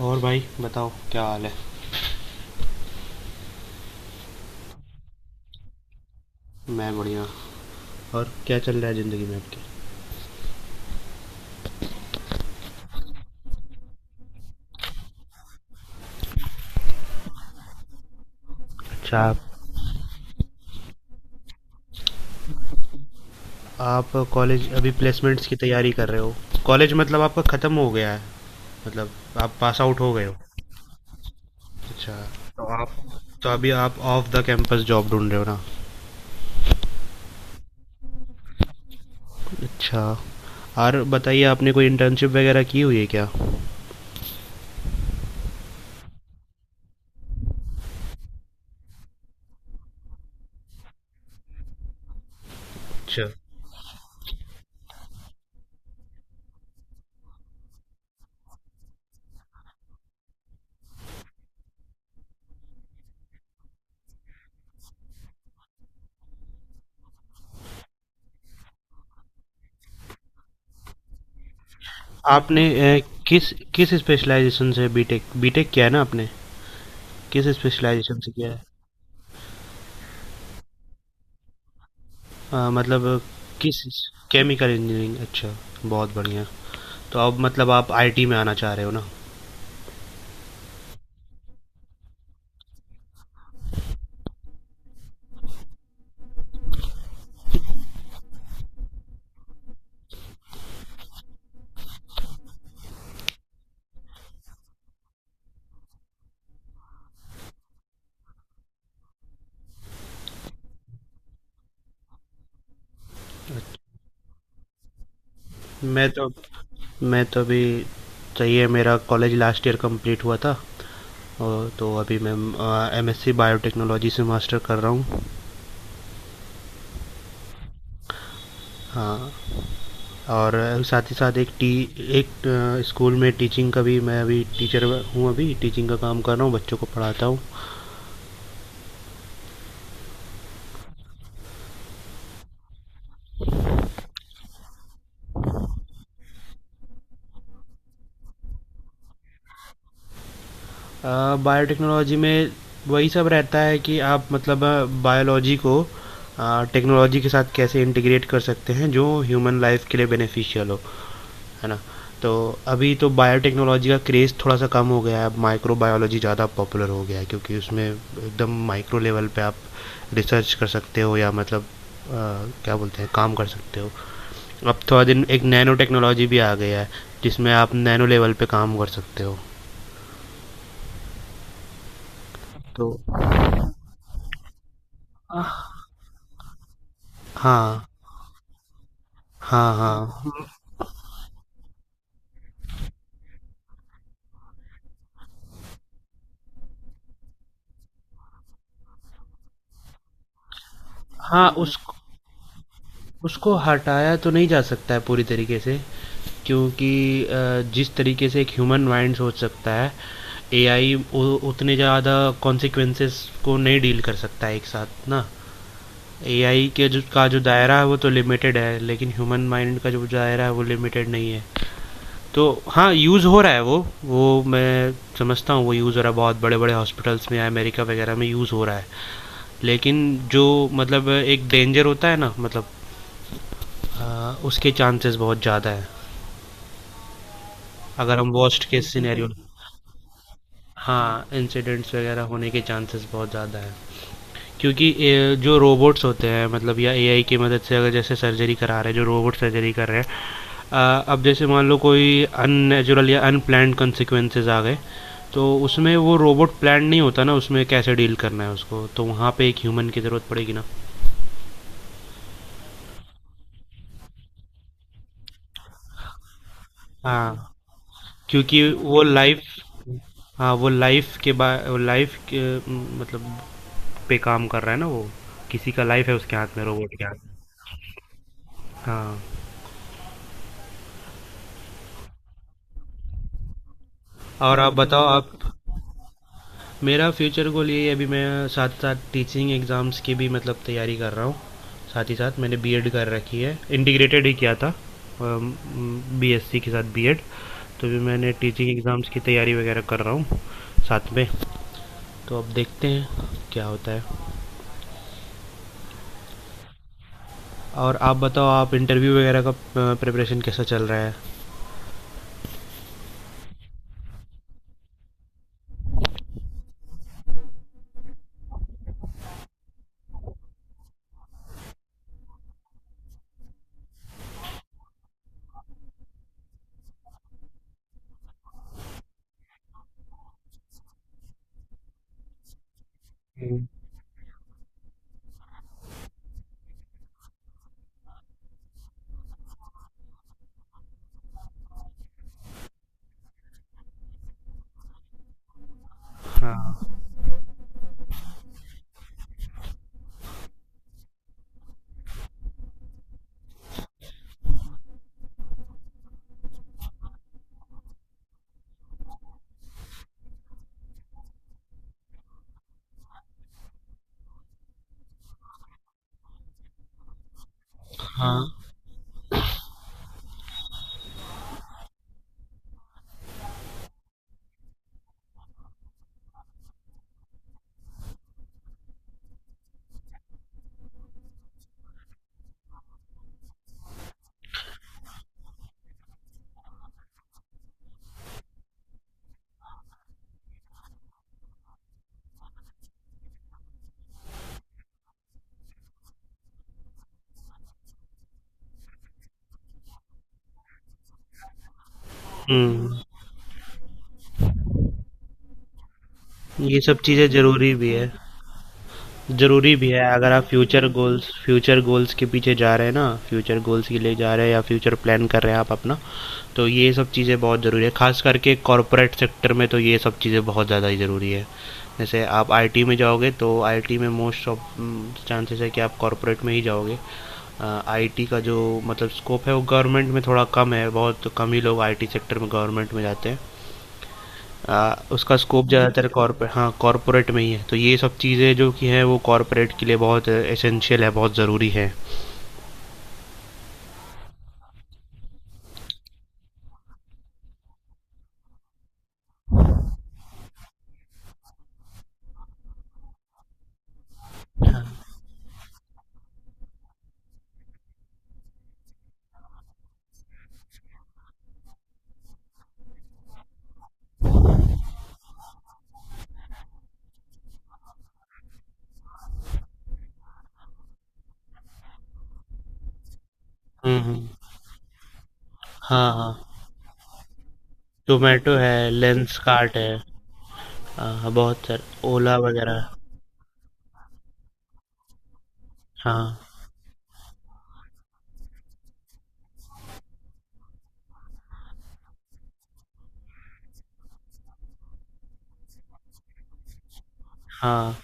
और भाई बताओ क्या हाल है। मैं बढ़िया। और क्या चल रहा है ज़िंदगी में आपकी। अच्छा। आप कॉलेज अभी प्लेसमेंट्स की तैयारी कर रहे हो? कॉलेज मतलब आपका ख़त्म हो गया है, मतलब आप पास आउट हो गए हो? अच्छा। तो आप तो अभी आप ऑफ द कैंपस जॉब ढूंढ रहे हो ना? अच्छा। और बताइए आपने कोई इंटर्नशिप वगैरह की हुई है क्या? अच्छा। आपने अ, किस किस स्पेशलाइजेशन से बीटेक बीटेक किया है ना आपने, किस स्पेशलाइजेशन से किया है? मतलब किस, केमिकल इंजीनियरिंग, अच्छा, बहुत बढ़िया। तो अब मतलब आप आईटी में आना चाह रहे हो ना? मैं तो मैं तो अभी चाहिए, मेरा कॉलेज लास्ट ईयर कंप्लीट हुआ था। और तो अभी मैं एमएससी बायोटेक्नोलॉजी से मास्टर कर रहा हूँ। हाँ। और साथ ही साथ एक टी, एक स्कूल में टीचिंग का भी मैं अभी टीचर हूँ, अभी टीचिंग का काम कर रहा हूँ, बच्चों को पढ़ाता हूँ। बायोटेक्नोलॉजी में वही सब रहता है कि आप मतलब बायोलॉजी को टेक्नोलॉजी के साथ कैसे इंटीग्रेट कर सकते हैं जो ह्यूमन लाइफ के लिए बेनिफिशियल हो, है ना। तो अभी तो बायोटेक्नोलॉजी का क्रेज़ थोड़ा सा कम हो गया है, अब माइक्रो बायोलॉजी ज़्यादा पॉपुलर हो गया है क्योंकि उसमें एकदम माइक्रो लेवल पे आप रिसर्च कर सकते हो या मतलब क्या बोलते हैं, काम कर सकते हो। अब थोड़ा दिन एक नैनो टेक्नोलॉजी भी आ गया है जिसमें आप नैनो लेवल पे काम कर सकते हो। तो हाँ। हाँ। हाँ। हाँ। उस उसको हटाया तो नहीं जा सकता है पूरी तरीके से, क्योंकि जिस तरीके से एक ह्यूमन माइंड सोच सकता है, एआई उतने ज़्यादा कॉन्सिक्वेंसेस को नहीं डील कर सकता है एक साथ ना। एआई के जो का जो दायरा है वो तो लिमिटेड है, लेकिन ह्यूमन माइंड का जो दायरा है वो लिमिटेड नहीं है। तो हाँ, यूज़ हो रहा है वो। मैं समझता हूँ वो यूज़ हो रहा है बहुत बड़े बड़े हॉस्पिटल्स में, अमेरिका वगैरह में यूज़ हो रहा है। लेकिन जो मतलब एक डेंजर होता है ना, मतलब उसके चांसेस बहुत ज़्यादा है। अगर हम वर्स्ट केस सिनेरियो, हाँ इंसिडेंट्स वगैरह होने के चांसेस बहुत ज़्यादा है, क्योंकि ए, जो रोबोट्स होते हैं मतलब या एआई की मदद से अगर जैसे सर्जरी करा रहे हैं, जो रोबोट सर्जरी कर रहे हैं, अब जैसे मान लो कोई अननेचुरल या अनप्लान्ड कंसिक्वेंसेज आ गए, तो उसमें वो रोबोट प्लान नहीं होता ना, उसमें कैसे डील करना है उसको, तो वहाँ पे एक ह्यूमन की ज़रूरत पड़ेगी ना। हाँ, क्योंकि वो लाइफ, हाँ वो लाइफ के बा, लाइफ के मतलब पे काम कर रहा है ना वो, किसी का लाइफ है उसके हाथ में, रोबोट के हाथ में। हाँ। और आप बताओ आप, मेरा फ्यूचर गोल यही है, अभी मैं साथ साथ टीचिंग एग्ज़ाम्स की भी मतलब तैयारी कर रहा हूँ। साथ ही साथ मैंने बीएड कर रखी है, इंटीग्रेटेड ही किया था, बीएससी के साथ बीएड, तो भी मैंने टीचिंग एग्ज़ाम्स की तैयारी वगैरह कर रहा हूँ साथ में। तो अब देखते हैं क्या होता है। और आप बताओ आप इंटरव्यू वगैरह का प्रिपरेशन कैसा चल रहा है? हाँ। हाँ। हम्म। ये सब चीज़ें ज़रूरी भी है। ज़रूरी भी है, अगर आप फ्यूचर गोल्स, फ्यूचर गोल्स के पीछे जा रहे हैं ना, फ्यूचर गोल्स के लिए जा रहे हैं या फ्यूचर प्लान कर रहे हैं आप अपना, तो ये सब चीज़ें बहुत ज़रूरी है। खास करके कॉरपोरेट सेक्टर में तो ये सब चीज़ें बहुत ज़्यादा ही ज़रूरी है। जैसे आप आईटी में जाओगे तो आईटी में मोस्ट ऑफ चांसेस है कि आप कॉरपोरेट में ही जाओगे। आईटी का जो मतलब स्कोप है वो गवर्नमेंट में थोड़ा कम है, बहुत कम ही लोग आईटी सेक्टर में गवर्नमेंट में जाते हैं। उसका स्कोप ज़्यादातर कॉर्पोरेट, हाँ कॉर्पोरेट में ही है, तो ये सब चीज़ें जो कि हैं वो कॉर्पोरेट के लिए बहुत एसेंशियल है, बहुत ज़रूरी है। हम्म। हाँ हाँ, जोमेटो है, लेंस कार्ट है। हाँ हाँ, बहुत सर। ओला वगैरह। हाँ। हाँ।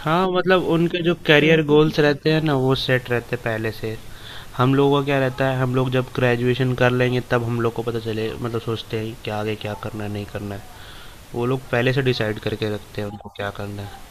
हाँ मतलब उनके जो करियर गोल्स रहते हैं ना वो सेट रहते हैं पहले से। हम लोगों का क्या रहता है, हम लोग जब ग्रेजुएशन कर लेंगे तब हम लोग को पता चले, मतलब सोचते हैं कि आगे क्या करना है, नहीं करना है। वो लोग पहले से डिसाइड करके रखते हैं उनको क्या करना है।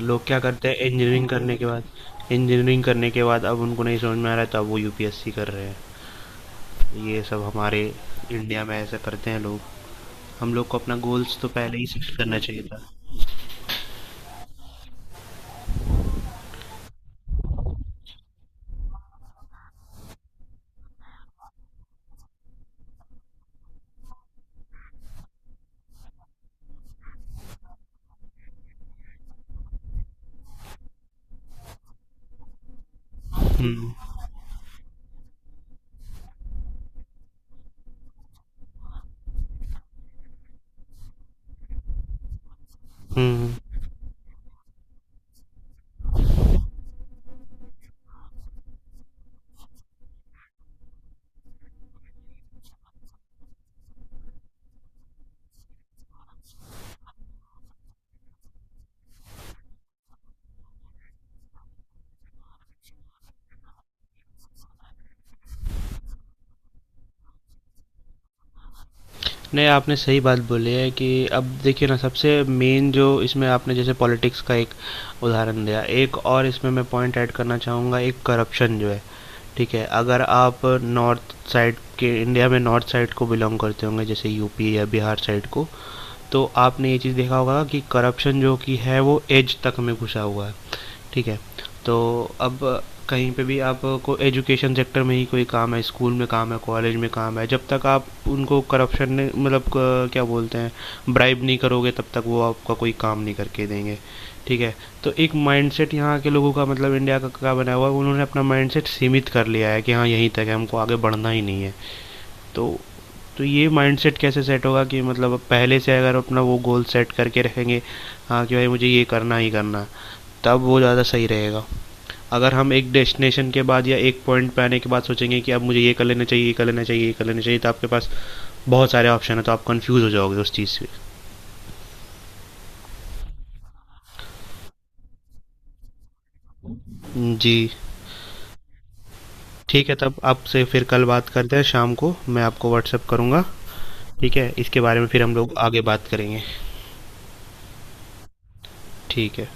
लोग क्या करते हैं इंजीनियरिंग करने के बाद, इंजीनियरिंग करने के बाद अब उनको नहीं समझ में आ रहा है तो अब वो यूपीएससी कर रहे हैं, ये सब हमारे इंडिया में ऐसा करते हैं लोग। हम लोग को अपना गोल्स तो पहले ही फिक्स करना चाहिए था। हम्म। हम्म। नहीं, आपने सही बात बोली है कि अब देखिए ना, सबसे मेन जो इसमें आपने जैसे पॉलिटिक्स का एक उदाहरण दिया, एक और इसमें मैं पॉइंट ऐड करना चाहूँगा, एक करप्शन जो है। ठीक है, अगर आप नॉर्थ साइड के, इंडिया में नॉर्थ साइड को बिलोंग करते होंगे, जैसे यूपी या बिहार साइड को, तो आपने ये चीज़ देखा होगा कि करप्शन जो कि है वो एज तक में घुसा हुआ है। ठीक है। तो अब कहीं पे भी आपको एजुकेशन सेक्टर में ही कोई काम है, स्कूल में काम है, कॉलेज में काम है, जब तक आप उनको करप्शन ने मतलब क्या बोलते हैं, ब्राइब नहीं करोगे, तब तक वो आपका कोई काम नहीं करके देंगे। ठीक है। तो एक माइंडसेट यहाँ के लोगों का, मतलब इंडिया का, क्या बना हुआ है, उन्होंने अपना माइंडसेट सीमित कर लिया है कि हाँ यहीं तक है, हमको आगे बढ़ना ही नहीं है। तो तो ये माइंडसेट कैसे सेट होगा कि मतलब अब पहले से अगर अपना वो गोल सेट करके रखेंगे, हाँ कि भाई मुझे ये करना ही करना है, तब वो ज़्यादा सही रहेगा। अगर हम एक डेस्टिनेशन के बाद या एक पॉइंट पे आने के बाद सोचेंगे कि अब मुझे ये कर लेना चाहिए, ये कर लेना चाहिए, ये कर लेना चाहिए, तो आपके पास बहुत सारे ऑप्शन है, तो आप कंफ्यूज हो जाओगे उस चीज़ से। जी। ठीक है, तब आपसे फिर कल बात करते हैं, शाम को मैं आपको व्हाट्सअप करूँगा। ठीक है, इसके बारे में फिर हम लोग आगे बात करेंगे। ठीक है।